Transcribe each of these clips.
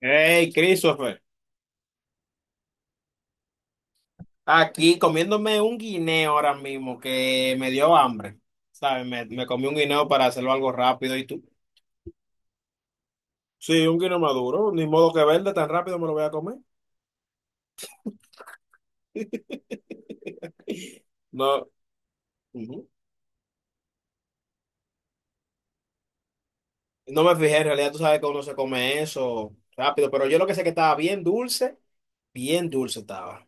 Hey, Christopher, aquí comiéndome un guineo ahora mismo que me dio hambre, ¿sabes? Me comí un guineo para hacerlo algo rápido y tú. Sí, un guineo maduro, ni modo que verde, tan rápido me lo voy a comer. No, ujú. No me fijé, en realidad tú sabes que uno se come eso rápido, pero yo lo que sé que estaba bien dulce estaba.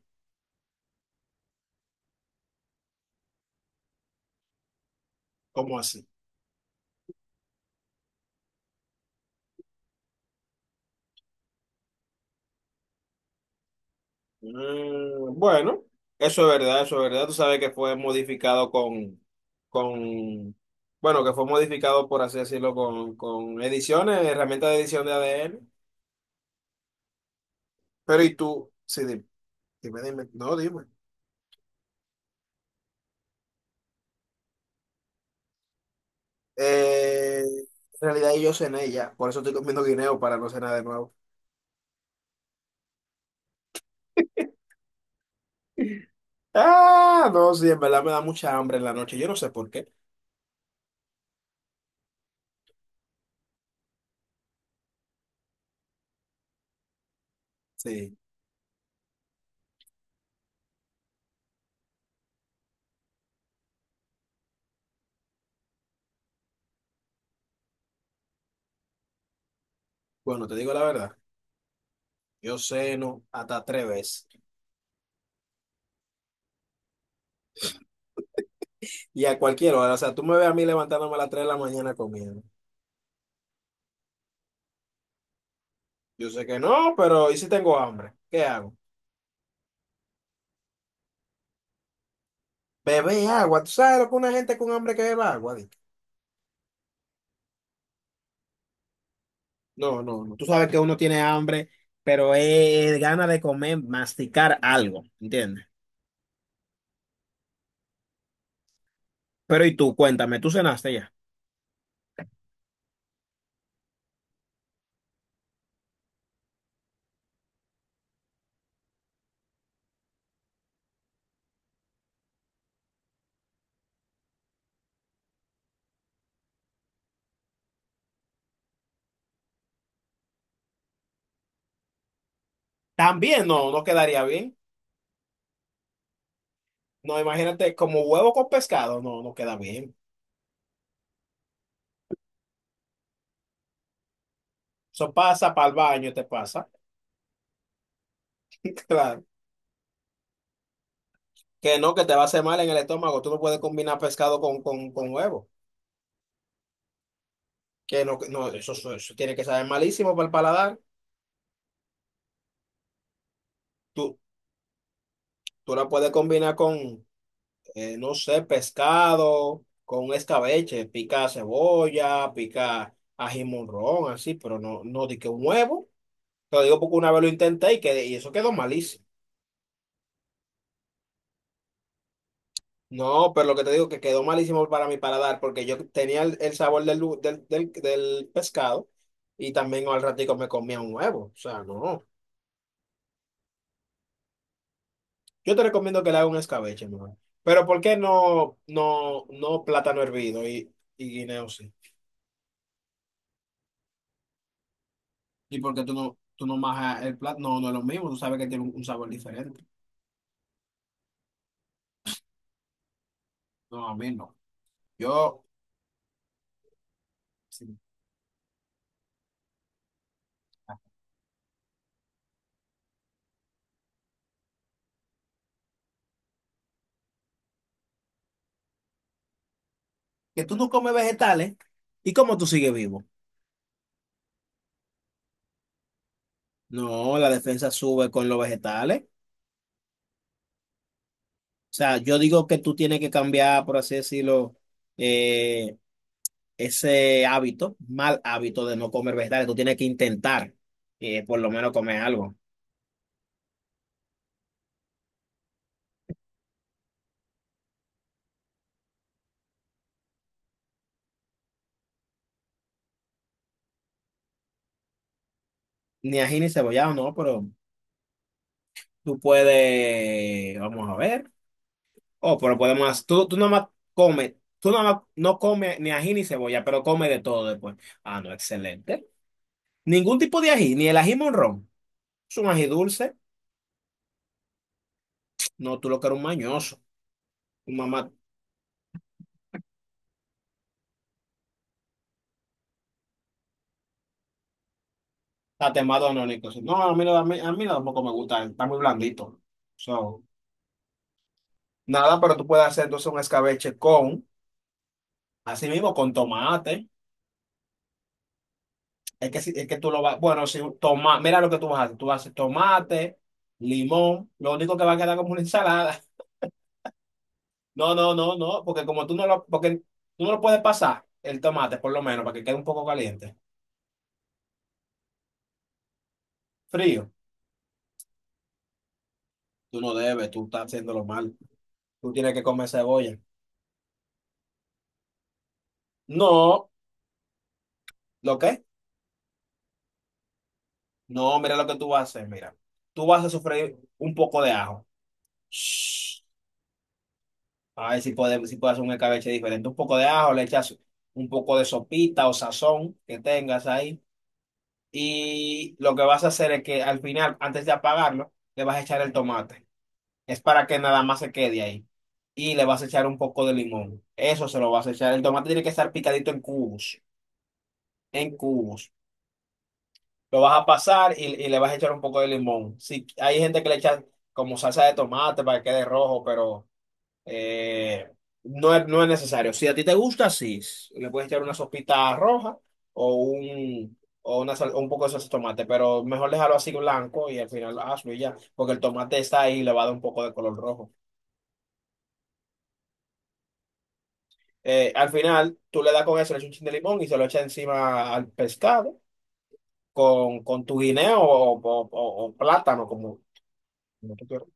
¿Cómo así? Mm, bueno, eso es verdad, eso es verdad. Tú sabes que fue modificado con, bueno, que fue modificado, por así decirlo, con ediciones, herramientas de edición de ADN. Pero y tú, sí, dime. No, dime. En realidad yo cené ya, por eso estoy comiendo guineo para no cenar de nuevo. Ah, no, sí, en verdad me da mucha hambre en la noche, yo no sé por qué. Sí, bueno, te digo la verdad, yo ceno hasta tres veces. Y a cualquier hora, o sea, tú me ves a mí levantándome a las 3 de la mañana comiendo. Yo sé que no, pero ¿y si tengo hambre? ¿Qué hago? Bebé agua. ¿Tú sabes lo que una gente con hambre que beba agua? ¿Dick? No, no, no. Tú sabes que uno tiene hambre, pero es gana de comer, masticar algo, ¿entiendes? Pero ¿y tú? Cuéntame, ¿tú cenaste ya? También no, no quedaría bien. No, imagínate, como huevo con pescado, no, no queda bien. Eso pasa para el baño, te pasa. Claro. Que no, que te va a hacer mal en el estómago. Tú no puedes combinar pescado con huevo. Que no, tiene que saber malísimo para el paladar. Tú, tú la puedes combinar con, no sé, pescado, con un escabeche, pica cebolla, pica ají morrón, así, pero no, no di que un huevo. Te lo digo porque una vez lo intenté y, que, y eso quedó malísimo. No, pero lo que te digo que quedó malísimo para mi paladar, porque yo tenía el sabor del pescado y también al ratico me comía un huevo. O sea, no. Yo te recomiendo que le hagas un escabeche, mejor. Pero ¿por qué no plátano hervido y guineo sí? ¿Y por qué tú tú no majas el plátano? No, no es lo mismo, tú sabes que tiene un sabor diferente. No, a mí no. Yo, sí. Que tú no comes vegetales, ¿y cómo tú sigues vivo? No, la defensa sube con los vegetales. O sea, yo digo que tú tienes que cambiar, por así decirlo, eh, ese hábito, mal hábito de no comer vegetales. Tú tienes que intentar, por lo menos comer algo. Ni ají ni cebollado, no, pero tú puedes, vamos a ver. Oh, pero podemos, tú nomás comes, tú nomás no comes ni ají ni cebolla, pero come de todo después. Ah, no, excelente. Ningún tipo de ají, ni el ají monrón. Es un ají dulce. No, tú lo que eres un mañoso. Tu mamá está temado anónico. No, a mí, a mí no tampoco me gusta, está muy blandito. So, nada, pero tú puedes hacer entonces un escabeche con, así mismo, con tomate. Es que, es que tú lo vas, bueno, si toma, mira lo que tú vas a hacer, tú vas a tomate, limón, lo único que va a quedar como una ensalada. No, porque como tú no lo, porque tú no lo puedes pasar, el tomate por lo menos, para que quede un poco caliente. Frío, tú no debes, tú estás haciéndolo mal, tú tienes que comer cebolla. No, ¿lo qué? No, mira lo que tú vas a hacer, mira, tú vas a sofreír un poco de ajo. Shh. A ver si podemos, si puedes hacer un escabeche diferente, un poco de ajo, le echas un poco de sopita o sazón que tengas ahí y lo que vas a hacer es que al final, antes de apagarlo, le vas a echar el tomate. Es para que nada más se quede ahí. Y le vas a echar un poco de limón. Eso se lo vas a echar. El tomate tiene que estar picadito en cubos, en cubos. Lo vas a pasar y le vas a echar un poco de limón. Si hay gente que le echa como salsa de tomate para que quede rojo, pero eh, no es, no es necesario. Si a ti te gusta, sí. Le puedes echar una sopita roja o un, o un poco de salsa de tomate, pero mejor dejarlo así blanco y al final hazlo y ya, porque el tomate está ahí y le va a dar un poco de color rojo. Al final, tú le das con eso, le echas un chin de limón y se lo echas encima al pescado con tu guineo o, o plátano, como, como tú quieras.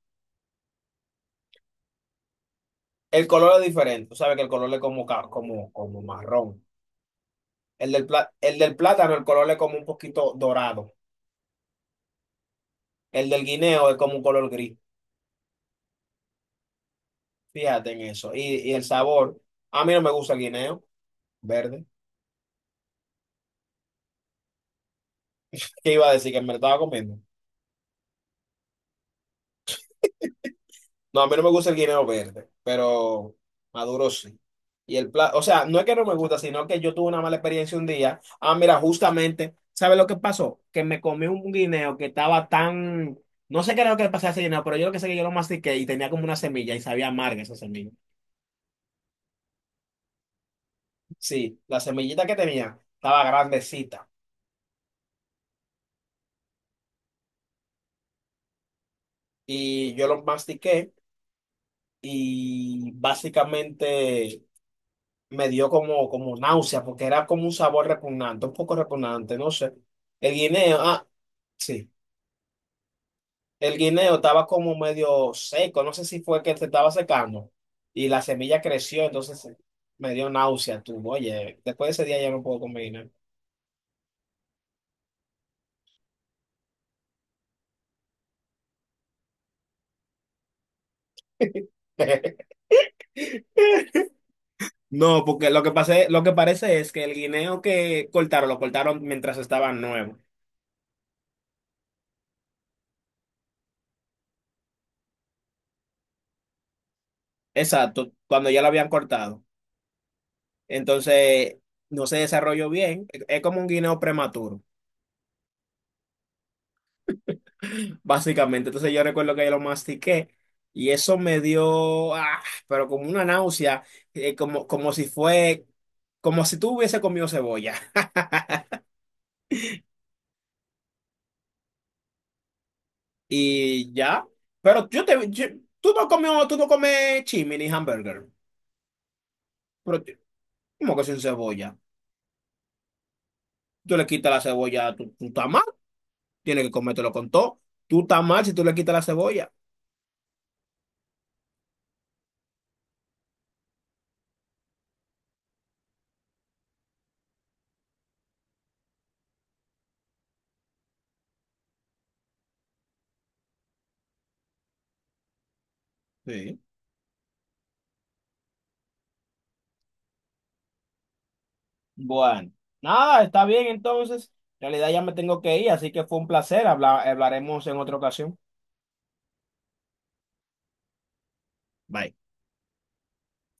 El color es diferente, tú sabes que el color es como, como, como marrón. El del, el del plátano, el color es como un poquito dorado. El del guineo es como un color gris. Fíjate en eso. Y el sabor. A mí no me gusta el guineo verde. ¿Qué iba a decir? Que me lo estaba comiendo. No, a mí no me gusta el guineo verde, pero maduro sí. Y el plato, o sea, no es que no me gusta, sino que yo tuve una mala experiencia un día. Ah, mira, justamente, ¿sabes lo que pasó? Que me comí un guineo que estaba tan. No sé qué era lo que le pasaba a ese guineo, pero yo lo que sé es que yo lo mastiqué y tenía como una semilla y sabía amarga esa semilla. Sí, la semillita que tenía estaba grandecita. Y yo lo mastiqué. Y básicamente me dio como, como náusea porque era como un sabor repugnante, un poco repugnante, no sé. El guineo, ah, sí, el guineo estaba como medio seco, no sé si fue que se estaba secando y la semilla creció, entonces me dio náusea, tú, oye, después de ese día ya no puedo comer guineo. No, porque lo que pasé, lo que parece es que el guineo que cortaron, lo cortaron mientras estaba nuevo. Exacto, cuando ya lo habían cortado. Entonces, no se desarrolló bien. Es como un guineo prematuro, básicamente. Entonces, yo recuerdo que yo lo mastiqué y eso me dio, ah, pero como una náusea, como, como si fue, como si tú hubiese comido cebolla. Y ya, pero tú no comió, tú no comes chimini hamburger, pero ¿cómo que sin cebolla? Tú le quitas la cebolla, tú estás mal, tienes que comértelo con todo. Tú estás mal si tú le quitas la cebolla. Sí. Bueno, nada, está bien entonces. En realidad ya me tengo que ir, así que fue un placer. Hablaremos en otra ocasión. Bye.